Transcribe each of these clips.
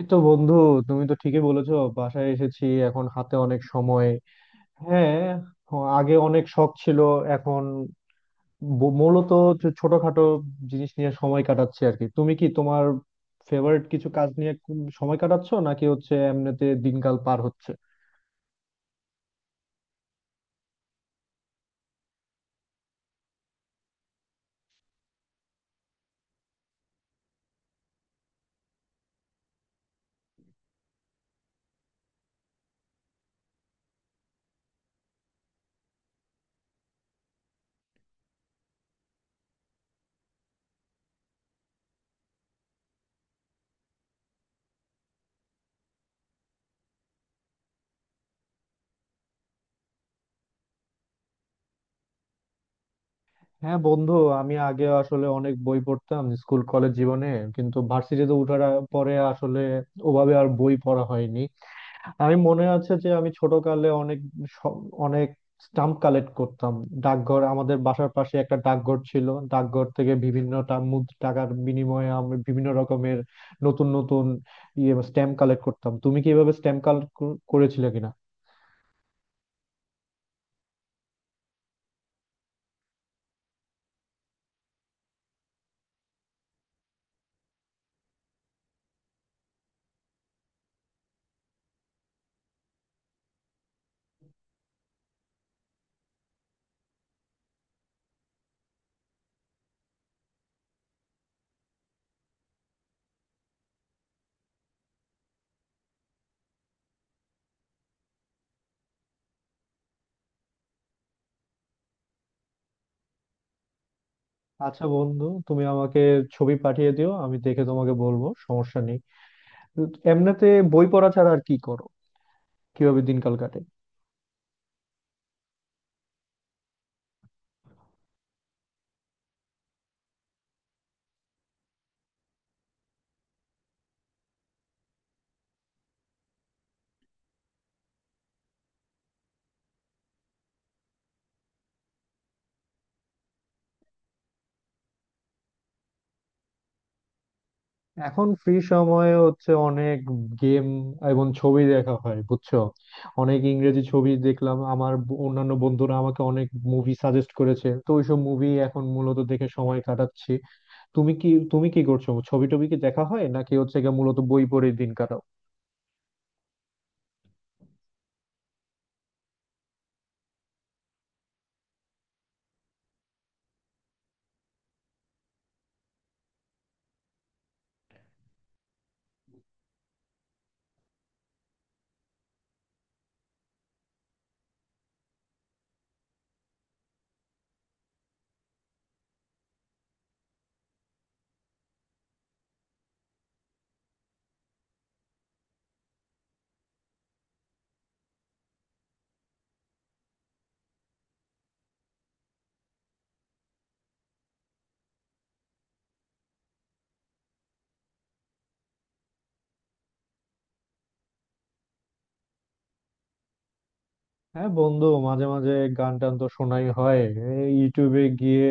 এই তো বন্ধু, তুমি তো ঠিকই বলেছো, বাসায় এসেছি, এখন হাতে অনেক সময়। হ্যাঁ, আগে অনেক শখ ছিল। এখন মূলত হচ্ছে ছোটখাটো জিনিস নিয়ে সময় কাটাচ্ছি আর কি। তুমি কি তোমার ফেভারিট কিছু কাজ নিয়ে সময় কাটাচ্ছো, নাকি হচ্ছে এমনিতে দিনকাল পার হচ্ছে? হ্যাঁ বন্ধু, আমি আগে আসলে অনেক বই পড়তাম স্কুল কলেজ জীবনে, কিন্তু ভার্সিটিতে ওঠার পরে আসলে ওভাবে আর বই পড়া হয়নি। আমি মনে আছে যে আমি ছোটকালে অনেক স- অনেক স্টাম্প কালেক্ট করতাম। ডাকঘর, আমাদের বাসার পাশে একটা ডাকঘর ছিল, ডাকঘর থেকে বিভিন্ন টাকার বিনিময়ে আমি বিভিন্ন রকমের নতুন নতুন ইয়ে স্ট্যাম্প কালেক্ট করতাম। তুমি কি এভাবে স্ট্যাম্প কালেক্ট করেছিলে কিনা? আচ্ছা বন্ধু, তুমি আমাকে ছবি পাঠিয়ে দিও, আমি দেখে তোমাকে বলবো, সমস্যা নেই। এমনিতে বই পড়া ছাড়া আর কি করো? কিভাবে দিনকাল কাটে? এখন ফ্রি সময়ে হচ্ছে অনেক গেম এবং ছবি দেখা হয়, বুঝছো। অনেক ইংরেজি ছবি দেখলাম। আমার অন্যান্য বন্ধুরা আমাকে অনেক মুভি সাজেস্ট করেছে, তো ওইসব মুভি এখন মূলত দেখে সময় কাটাচ্ছি। তুমি কি তুমি কি করছো? ছবি টবি কি দেখা হয়, নাকি হচ্ছে গিয়ে মূলত বই পড়ে দিন কাটাও? হ্যাঁ বন্ধু, মাঝে মাঝে গান টান তো শোনাই হয়। এই ইউটিউবে গিয়ে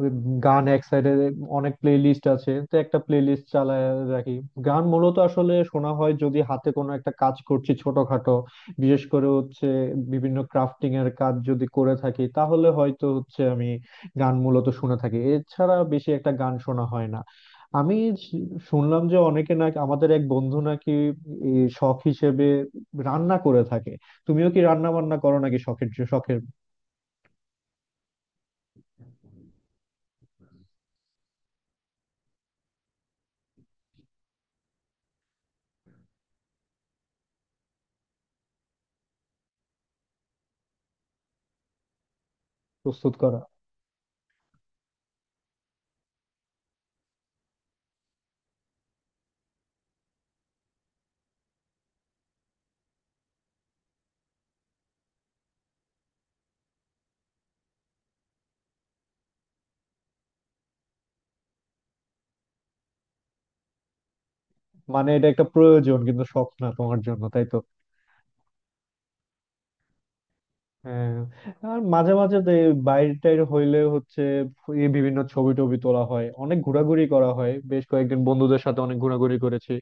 ওই গান এক সাইডে অনেক প্লে লিস্ট আছে, তো একটা প্লে লিস্ট চালায় রাখি। গান মূলত আসলে শোনা হয় যদি হাতে কোনো একটা কাজ করছি ছোটখাটো, বিশেষ করে হচ্ছে বিভিন্ন ক্রাফটিং এর কাজ যদি করে থাকি, তাহলে হয়তো হচ্ছে আমি গান মূলত শুনে থাকি। এছাড়া বেশি একটা গান শোনা হয় না। আমি শ- শুনলাম যে অনেকে নাকি, আমাদের এক বন্ধু নাকি এই শখ হিসেবে রান্না করে থাকে। তুমিও কি রান্না বান্না করো নাকি? শখের শখের প্রস্তুত করা, মানে এটা একটা প্রয়োজন কিন্তু শখ না তোমার জন্য, তাই তো? হ্যাঁ। আর মাঝে মাঝে তো এই বাইরে টাইরে হইলে হচ্ছে এই বিভিন্ন ছবি টবি তোলা হয়, অনেক ঘোরাঘুরি করা হয়। বেশ কয়েকদিন বন্ধুদের সাথে অনেক ঘোরাঘুরি করেছি,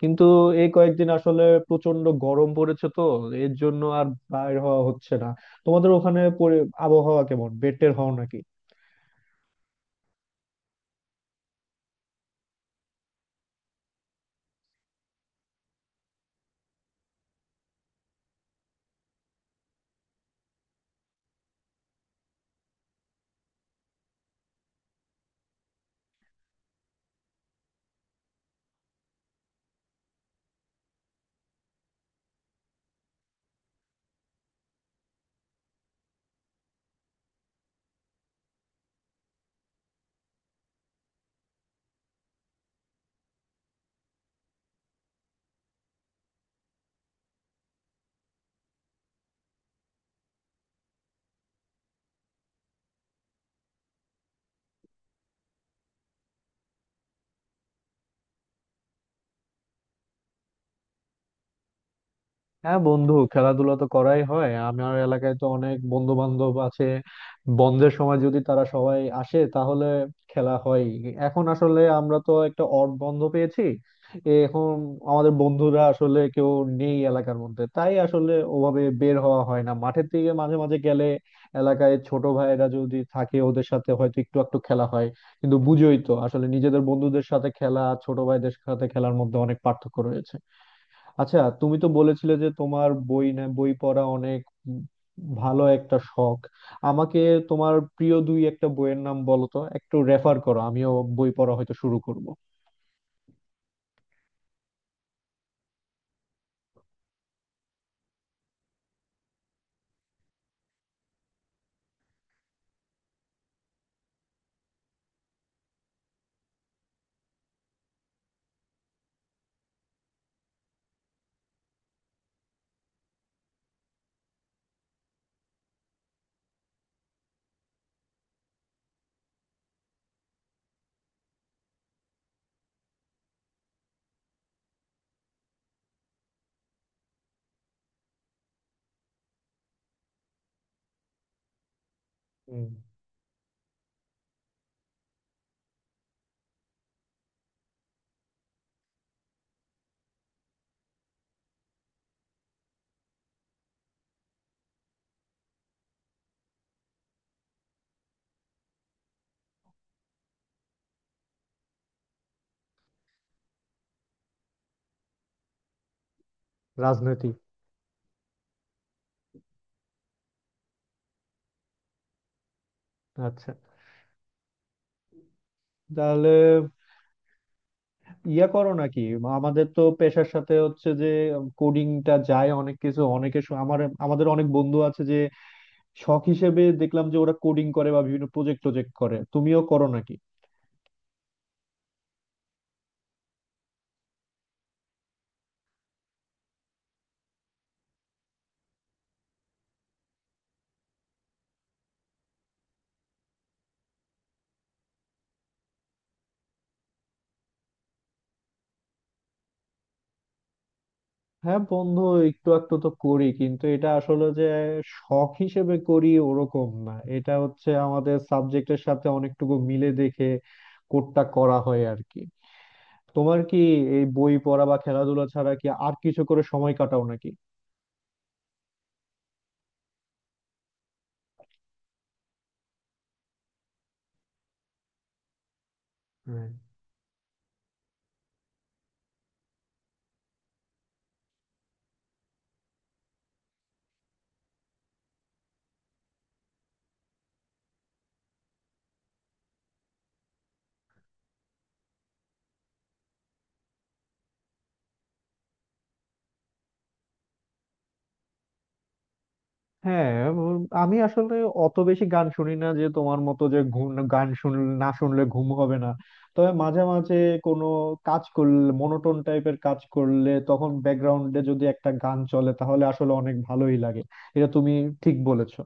কিন্তু এই কয়েকদিন আসলে প্রচন্ড গরম পড়েছে, তো এর জন্য আর বাইর হওয়া হচ্ছে না। তোমাদের ওখানে আবহাওয়া কেমন, বের টের হও নাকি? হ্যাঁ বন্ধু, খেলাধুলা তো করাই হয়। আমার এলাকায় তো অনেক বন্ধু বান্ধব আছে, বন্ধের সময় যদি তারা সবাই আসে তাহলে খেলা হয়। এখন আসলে আমরা তো একটা অড বন্ধ পেয়েছি। এ এখন আমাদের বন্ধুরা আসলে কেউ নেই এলাকার মধ্যে, তাই আসলে ওভাবে বের হওয়া হয় না মাঠের দিকে। মাঝে মাঝে গেলে এলাকায় ছোট ভাইয়েরা যদি থাকে, ওদের সাথে হয়তো একটু একটু খেলা হয়, কিন্তু বুঝোই তো আসলে নিজেদের বন্ধুদের সাথে খেলা আর ছোট ভাইদের সাথে খেলার মধ্যে অনেক পার্থক্য রয়েছে। আচ্ছা, তুমি তো বলেছিলে যে তোমার বই না, বই পড়া অনেক উম ভালো একটা শখ। আমাকে তোমার প্রিয় দুই একটা বইয়ের নাম বলো তো, একটু রেফার করো, আমিও বই পড়া হয়তো শুরু করব। হুম, রাজনৈতিক। আচ্ছা, তাহলে ইয়া করো নাকি? আমাদের তো পেশার সাথে হচ্ছে যে কোডিংটা যায়, অনেক কিছু অনেকে আমার, আমাদের অনেক বন্ধু আছে যে শখ হিসেবে দেখলাম যে ওরা কোডিং করে বা বিভিন্ন প্রজেক্ট প্রজেক্ট করে। তুমিও করো নাকি? হ্যাঁ বন্ধু, একটু একটু তো করি, কিন্তু এটা আসলে যে শখ হিসেবে করি ওরকম না, এটা হচ্ছে আমাদের সাবজেক্টের সাথে অনেকটুকু মিলে দেখে কোডটা করা হয় আর কি। তোমার কি এই বই পড়া বা খেলাধুলা ছাড়া কি আর কিছু করে সময় কাটাও নাকি? হ্যাঁ। উম, আমি আসলে অত বেশি গান শুনি না যে তোমার মতো, যে ঘুম, গান শুনলে না শুনলে ঘুম হবে না। তবে মাঝে মাঝে কোনো কাজ করলে, মনোটোন টাইপের কাজ করলে, তখন ব্যাকগ্রাউন্ডে যদি একটা গান চলে, তাহলে আসলে অনেক ভালোই লাগে। এটা তুমি ঠিক বলেছো।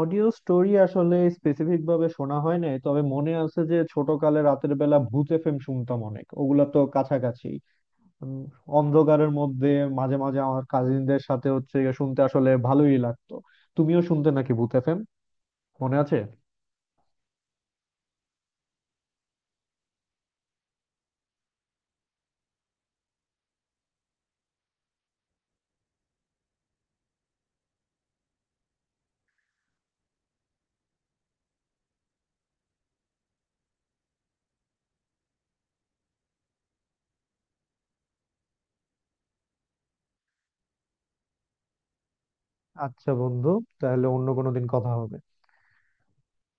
অডিও স্টোরি আসলে স্পেসিফিক ভাবে শোনা হয় নাই, তবে মনে আছে যে ছোটকালে রাতের বেলা ভূত এফএম শুনতাম অনেক, ওগুলা তো কাছাকাছি। উম, অন্ধকারের মধ্যে মাঝে মাঝে আমার কাজিনদের সাথে হচ্ছে গিয়ে শুনতে আসলে ভালোই লাগতো। তুমিও শুনতে নাকি ভূত এফএম, মনে আছে? আচ্ছা বন্ধু, তাহলে অন্য কোনো দিন কথা হবে।